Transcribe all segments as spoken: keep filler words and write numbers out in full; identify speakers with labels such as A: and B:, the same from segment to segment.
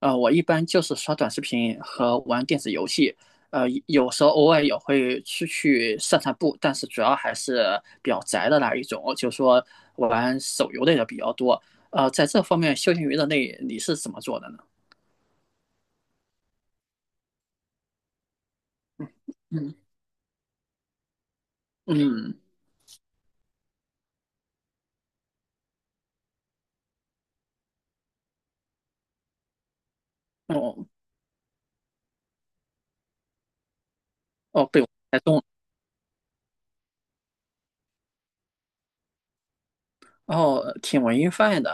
A: 呃，我一般就是刷短视频和玩电子游戏，呃，有时候偶尔也会出去散散步，但是主要还是比较宅的那一种，就是说玩手游类的比较多。呃，在这方面休闲娱乐类你是怎么做的呢？嗯嗯，哦哦，被我猜中了。哦，挺文艺范的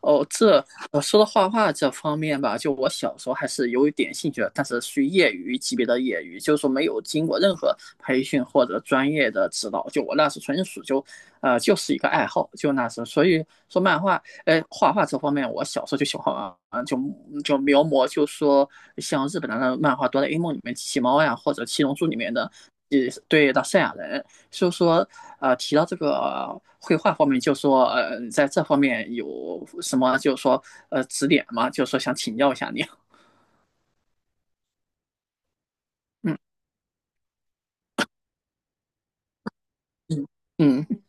A: 哦。这呃说到画画这方面吧，就我小时候还是有一点兴趣的，但是属于业余级别的业余，就是说没有经过任何培训或者专业的指导。就我那时纯属就，呃，就是一个爱好，就那时候所以说漫画，哎，画画这方面，我小时候就喜欢啊，就就描摹，就说像日本的漫画《哆啦 A 梦》里面机器猫呀，或者《七龙珠》里面的。呃对的赛亚人，就说呃提到这个绘画方面，就说呃在这方面有什么，就说呃指点吗？就说想请教一下你啊。嗯嗯嗯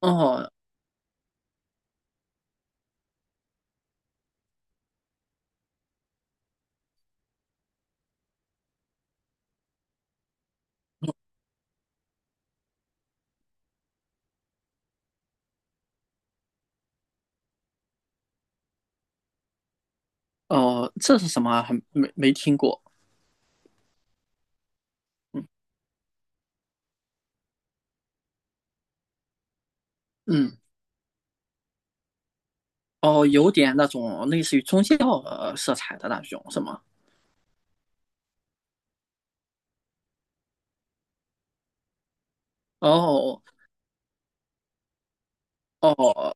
A: 哦哦，这是什么啊还没没听过。嗯嗯哦，有点那种类似于宗教呃色彩的那种是吗？哦哦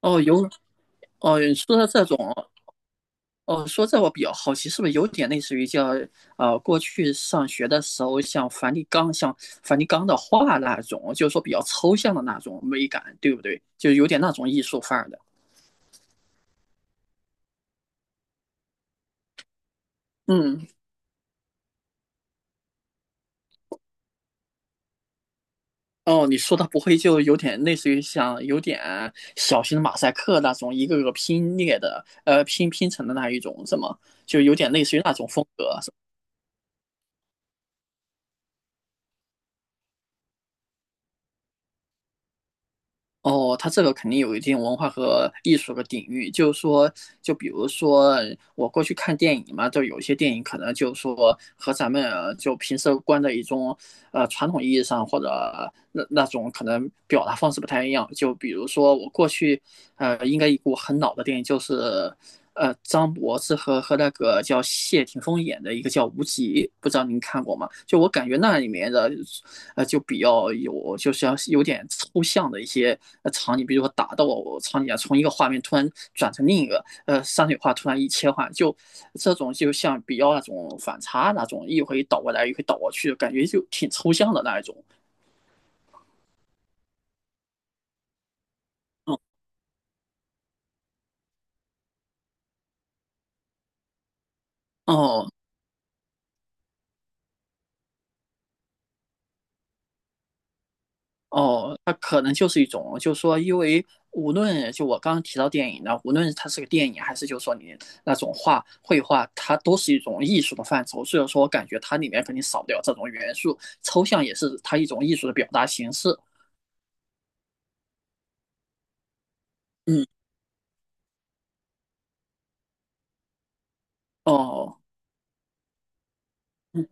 A: 哦，有哦，你说的这种哦，说这我比较好奇，是不是有点类似于叫呃，过去上学的时候像梵蒂冈、像梵蒂冈的画那种，就是说比较抽象的那种美感，对不对？就有点那种艺术范儿的。嗯，哦，你说的不会就有点类似于像有点小型马赛克那种，一个个拼列的，呃，拼拼成的那一种，是吗？就有点类似于那种风格。哦，它这个肯定有一定文化和艺术的底蕴，就是说，就比如说我过去看电影嘛，就有些电影可能就是说和咱们呃就平时观的一种呃传统意义上或者那那种可能表达方式不太一样。就比如说我过去呃应该一部很老的电影，就是呃张柏芝和和那个叫谢霆锋演的一个叫《无极》，不知道您看过吗？就我感觉那里面的呃，就比较有就是要有点抽象的一些呃场景，比如说打斗场景啊，从一个画面突然转成另一个，呃，山水画突然一切换，就这种就像比较那种反差那种，一回倒过来一回倒过去，感觉就挺抽象的那一种。嗯，哦，哦，那可能就是一种，就是说，因为无论就我刚刚提到电影呢，无论它是个电影还是就是说你那种画绘画，它都是一种艺术的范畴，所以说我感觉它里面肯定少不了这种元素，抽象也是它一种艺术的表达形式。嗯，哦，嗯。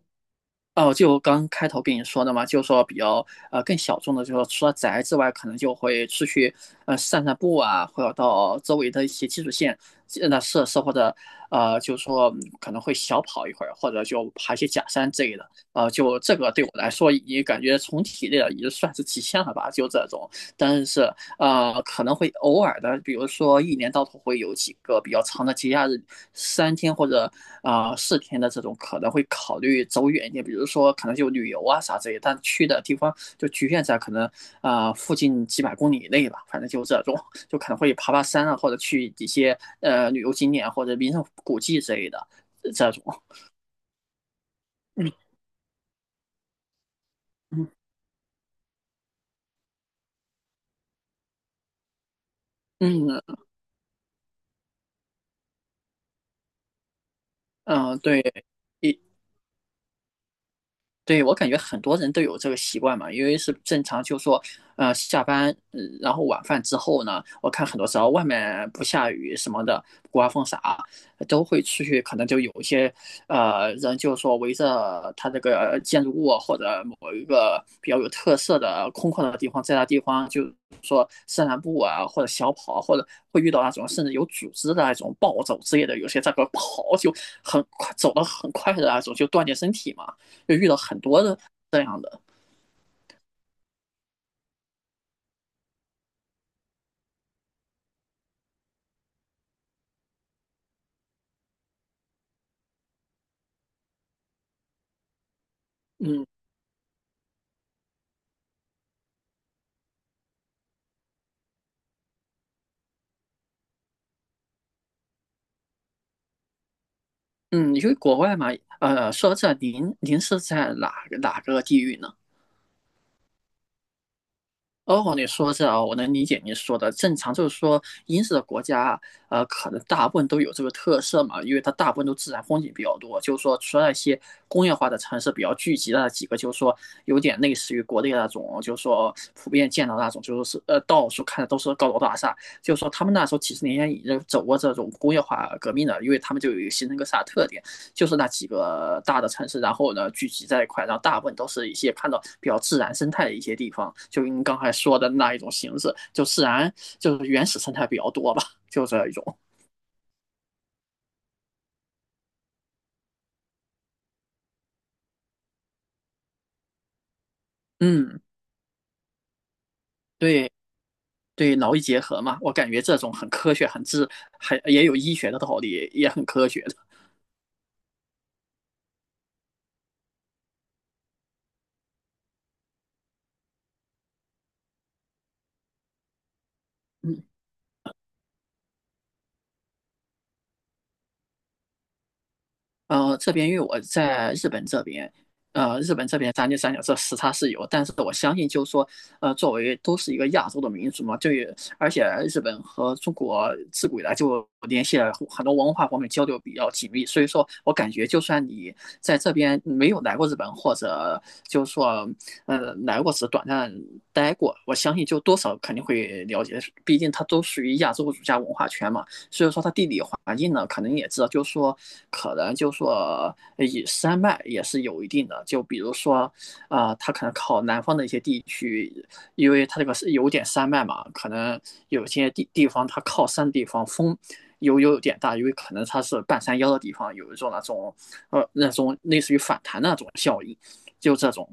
A: 哦，就刚开头跟你说的嘛，就说比较呃更小众的，就是说除了宅之外，可能就会出去呃散散步啊，或者到周围的一些基础线呃那设施，或者呃就是说嗯可能会小跑一会儿，或者就爬一些假山之类的。呃，就这个对我来说，也感觉从体力的已经算是极限了吧，就这种。但是呃，可能会偶尔的，比如说一年到头会有几个比较长的节假日，三天或者啊、呃四天的这种，可能会考虑走远一点，比如说可能就旅游啊啥之类的但去的地方就局限在可能啊、呃附近几百公里以内吧，反正就这种，就可能会爬爬山啊，或者去一些呃旅游景点或者名胜古迹之类的这种。嗯嗯嗯嗯，呃对。一对，我感觉很多人都有这个习惯嘛，因为是正常，就说，呃，下班，呃然后晚饭之后呢，我看很多时候外面不下雨什么的，不刮风啥，都会出去，可能就有一些，呃，人就说围着他这个建筑物或者某一个比较有特色的空旷的地方，在那地方就说散散步啊，或者小跑，或者会遇到那种甚至有组织的那种暴走之类的，有些在那跑就很快，走得很快的那种，就锻炼身体嘛。就遇到很多的这样的，嗯嗯，因为国外嘛，呃，说到这，您您是在哪哪个地域呢？哦，你说这啊，我能理解你说的。正常就是说，英式的国家啊，呃，可能大部分都有这个特色嘛，因为它大部分都自然风景比较多。就是说，除了一些工业化的城市比较聚集的那几个，就是说有点类似于国内那种，就是说普遍见到那种，就是呃，到处看的都是高楼大厦。就是说，他们那时候几十年前已经走过这种工业化革命了，因为他们就有形成一个啥特点。就是那几个大的城市，然后呢聚集在一块，然后大部分都是一些看到比较自然生态的一些地方，就您刚才说的那一种形式，就自然就是原始生态比较多吧，就这一种。嗯，对对，劳逸结合嘛，我感觉这种很科学，很自，还也有医学的道理，也很科学的。嗯。呃，这边因为我在日本这边，呃，日本这边三天三角这时差是有，但是我相信就是说，呃，作为都是一个亚洲的民族嘛，就也而且日本和中国自古以来就联系了很多文化方面交流比较紧密，所以说我感觉就算你在这边没有来过日本，或者就是说，呃，来过只短暂待过，我相信就多少肯定会了解，毕竟它都属于亚洲儒家文化圈嘛。所以说它地理环境呢，可能也知道，就是说，可能就是说，呃以山脉也是有一定的。就比如说，啊、呃它可能靠南方的一些地区，因为它这个是有点山脉嘛，可能有些地地方它靠山的地方风有有点大，因为可能它是半山腰的地方，有一种那种呃那种类似于反弹的那种效应，就这种，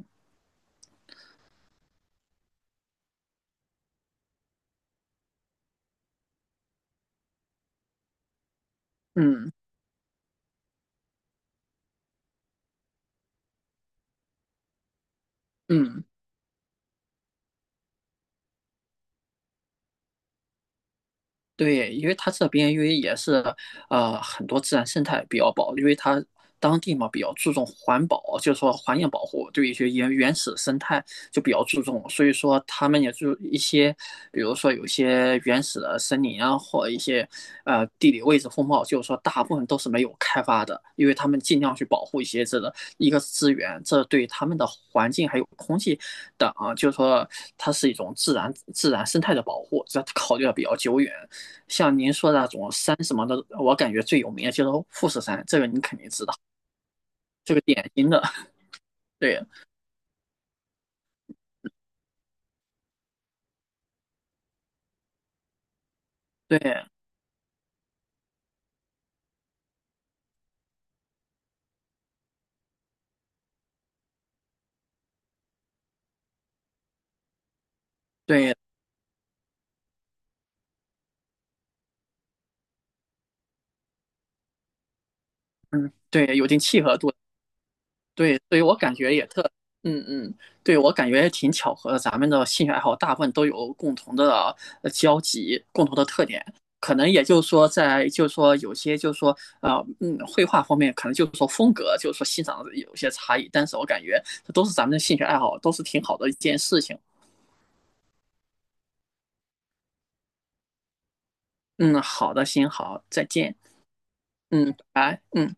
A: 嗯嗯。对，因为它这边因为也是呃很多自然生态比较保，因为它当地嘛比较注重环保，就是说环境保护，对一些原原始生态就比较注重，所以说他们也就一些，比如说有些原始的森林啊，或一些呃地理位置风貌，就是说大部分都是没有开发的，因为他们尽量去保护一些这个一个资源，这对他们的环境还有空气等啊就是说它是一种自然自然生态的保护，这考虑的比较久远。像您说的那种山什么的，我感觉最有名的就是富士山，这个你肯定知道，这个典型的，对对对，嗯，对，有一定契合度，对，所以我感觉也特，嗯嗯，对我感觉也挺巧合的，咱们的兴趣爱好大部分都有共同的呃交集，共同的特点，可能也就是说在，就是说有些就是说呃嗯，绘画方面可能就是说风格，就是说欣赏有些差异，但是我感觉这都是咱们的兴趣爱好，都是挺好的一件事情。嗯，好的，行，好，再见，嗯，拜拜嗯。